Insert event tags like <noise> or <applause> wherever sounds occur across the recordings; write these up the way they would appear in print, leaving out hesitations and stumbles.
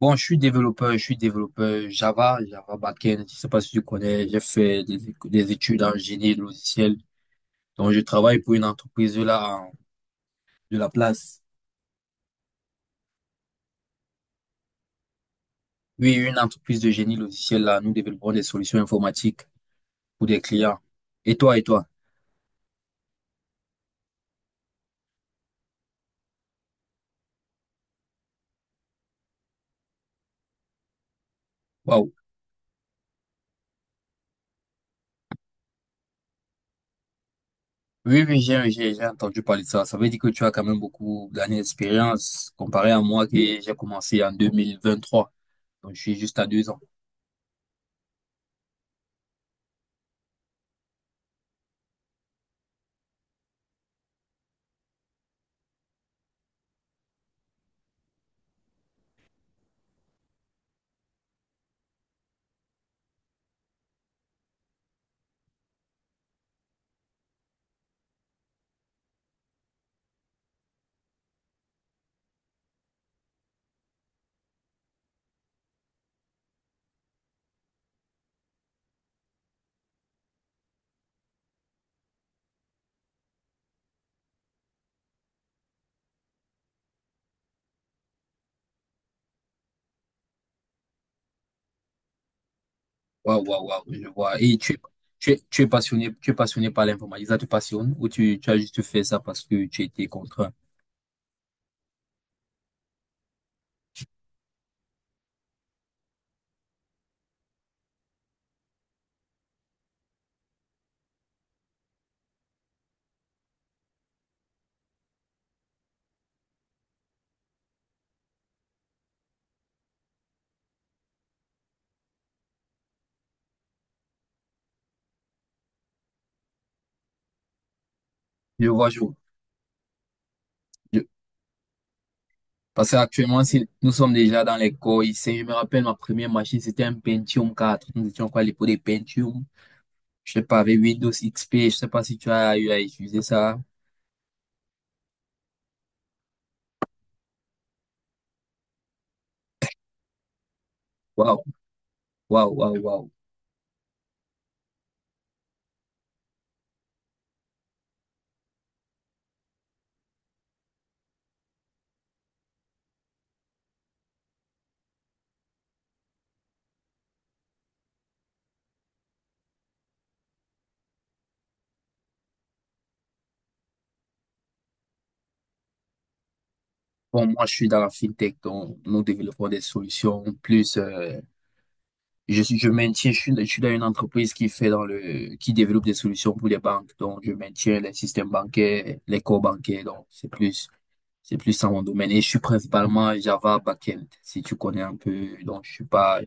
Bon, je suis développeur Java, Java backend. Je sais pas si tu connais, j'ai fait des, éc- des études en génie logiciel. Donc, je travaille pour une entreprise là de la place. Oui, une entreprise de génie logiciel là. Nous développons des solutions informatiques pour des clients. Et toi? Waouh. Oui, oui, j'ai entendu parler de ça. Ça veut dire que tu as quand même beaucoup d'années d'expérience comparé à moi qui j'ai commencé en 2023. Donc, je suis juste à deux ans. Waouh, je vois. Et tu es passionné par l'informatique, ça te passionne ou tu as juste fait ça parce que tu étais contraint? Je vois, je- Parce qu'actuellement, si nous sommes déjà dans les corps ici, je me rappelle ma première machine, c'était un Pentium 4. Nous étions quoi les l'époque des Pentium. Je sais pas, avec Windows XP, je sais pas si tu as eu à utiliser ça. Waouh, waouh. Bon, moi, je suis dans la fintech, donc nous développons des solutions plus, je suis, je maintiens, je suis dans une entreprise qui fait qui développe des solutions pour les banques. Donc, je maintiens les systèmes bancaires, les corps bancaires. Donc, c'est plus ça mon domaine. Et je suis principalement Java backend, si tu connais un peu. Donc, je suis pas,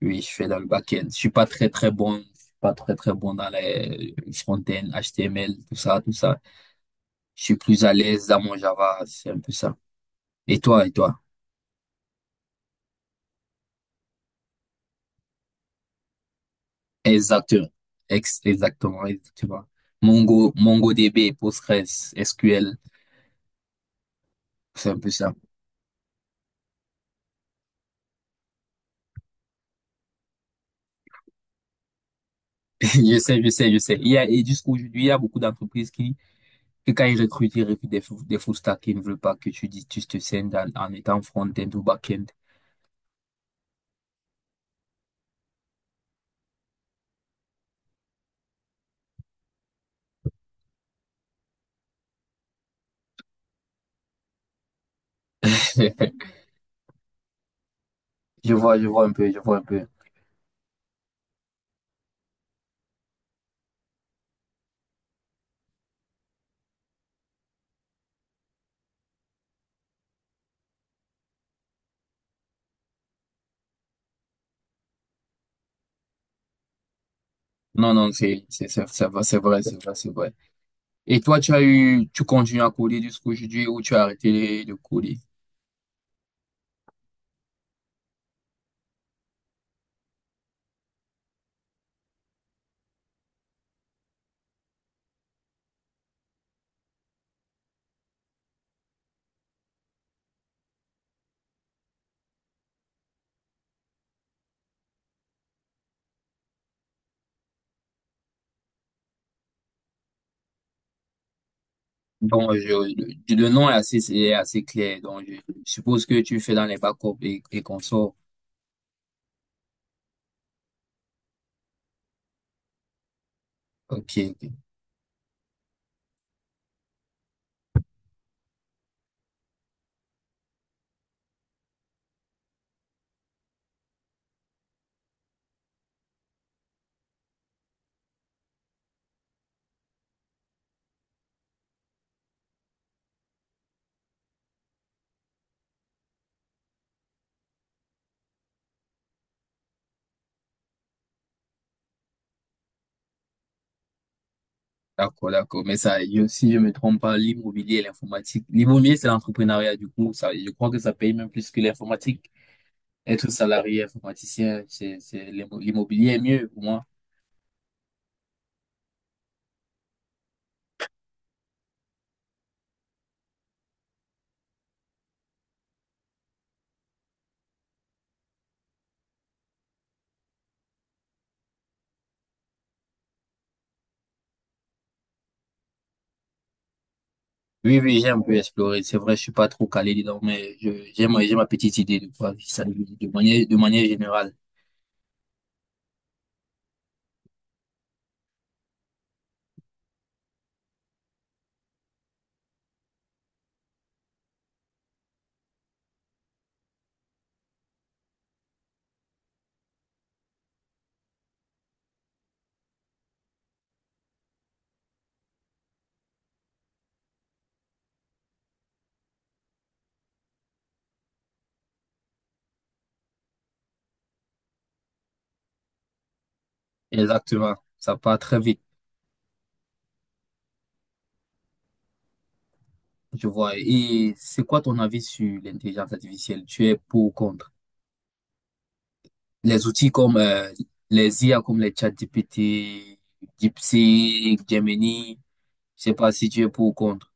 oui, je fais dans le backend. Je suis pas très, très bon dans les front-end, HTML, tout ça, tout ça. Je suis plus à l'aise dans mon Java. C'est un peu ça. Et toi? Exactement. Exactement, exactement. Mongo, MongoDB, PostgreSQL, c'est un peu ça. <laughs> Je sais. Il y a, et jusqu'aujourd'hui, il y a beaucoup d'entreprises que quand ils recrutent des full stack qui ne veulent pas que tu dis, tu te scindes en étant front-end ou back-end. <laughs> Je vois un peu. Non, c'est vrai, c'est vrai. Et toi, tu as eu, tu continues à coder jusqu'aujourd'hui ou tu as arrêté de coder? Bon, le nom est assez clair. Donc, je suppose que tu fais dans les backups et consorts. Ok, ok. D'accord, d'accord. Mais ça, je- si je me trompe pas, l'immobilier et l'informatique. L'immobilier, c'est l'entrepreneuriat, du coup, ça, je crois que ça paye même plus que l'informatique. Être salarié informaticien, c'est, l'immobilier est mieux pour moi. Oui, oui, j'ai un peu exploré. C'est vrai, je suis pas trop calé dedans, mais j'ai ma petite idée de quoi, ça, de manière générale. Exactement. Ça part très vite, je vois. Et c'est quoi ton avis sur l'intelligence artificielle? Tu es pour ou contre? Les outils comme les IA, comme les ChatGPT, DeepSeek, Gemini, je sais pas si tu es pour ou contre.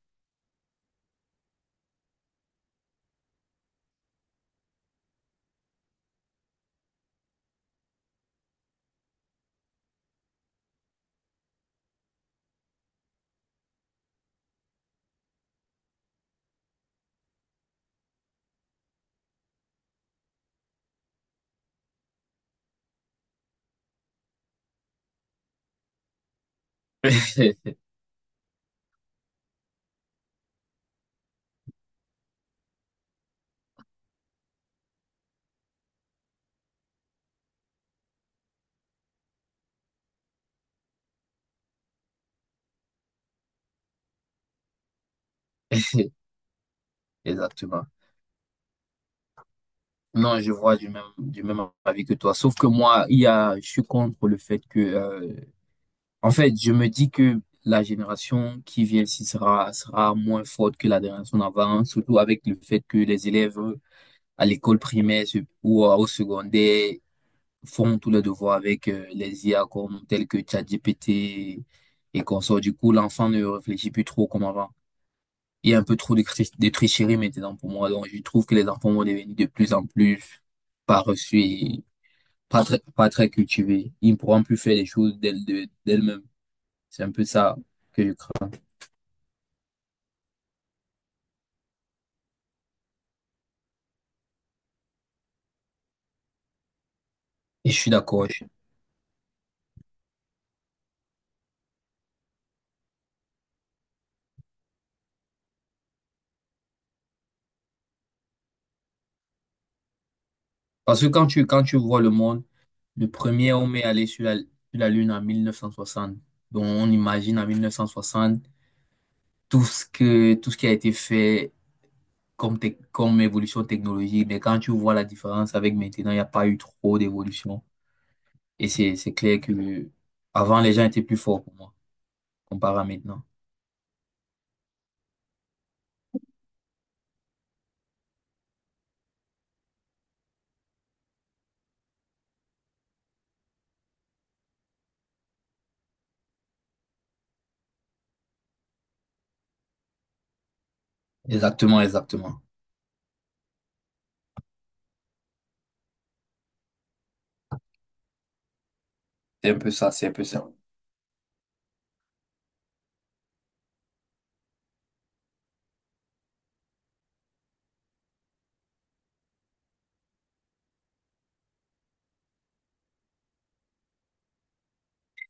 <laughs> Exactement. Non, je vois du même avis que toi. Sauf que moi, il y a, je suis contre le fait que, en fait, je me dis que la génération qui vient ici sera moins forte que la génération d'avant, surtout avec le fait que les élèves à l'école primaire ou au secondaire, font tous les devoirs avec les IA comme tels que ChatGPT et qu'on sort. Du coup, l'enfant ne réfléchit plus trop comme avant. Il y a un peu trop de tricherie maintenant pour moi. Donc, je trouve que les enfants vont devenir de plus en plus paresseux et pas très, pas très cultivés. Ils ne pourront plus faire les choses d'elles-mêmes. C'est un peu ça que je crains. Et je suis d'accord. Je- parce que quand tu vois le monde, le premier homme est allé sur la Lune en 1960. Donc, on imagine en 1960 tout ce tout ce qui a été fait comme évolution technologique, mais quand tu vois la différence avec maintenant, il n'y a pas eu trop d'évolution. Et c'est clair que avant, les gens étaient plus forts pour moi, comparé à maintenant. Exactement, exactement. C'est un peu ça, c'est un peu ça.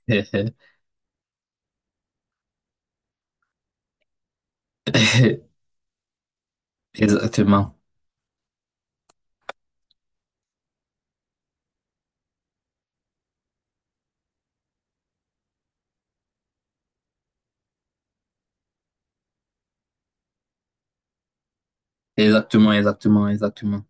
<laughs> Exactement. Exactement, exactement, exactement.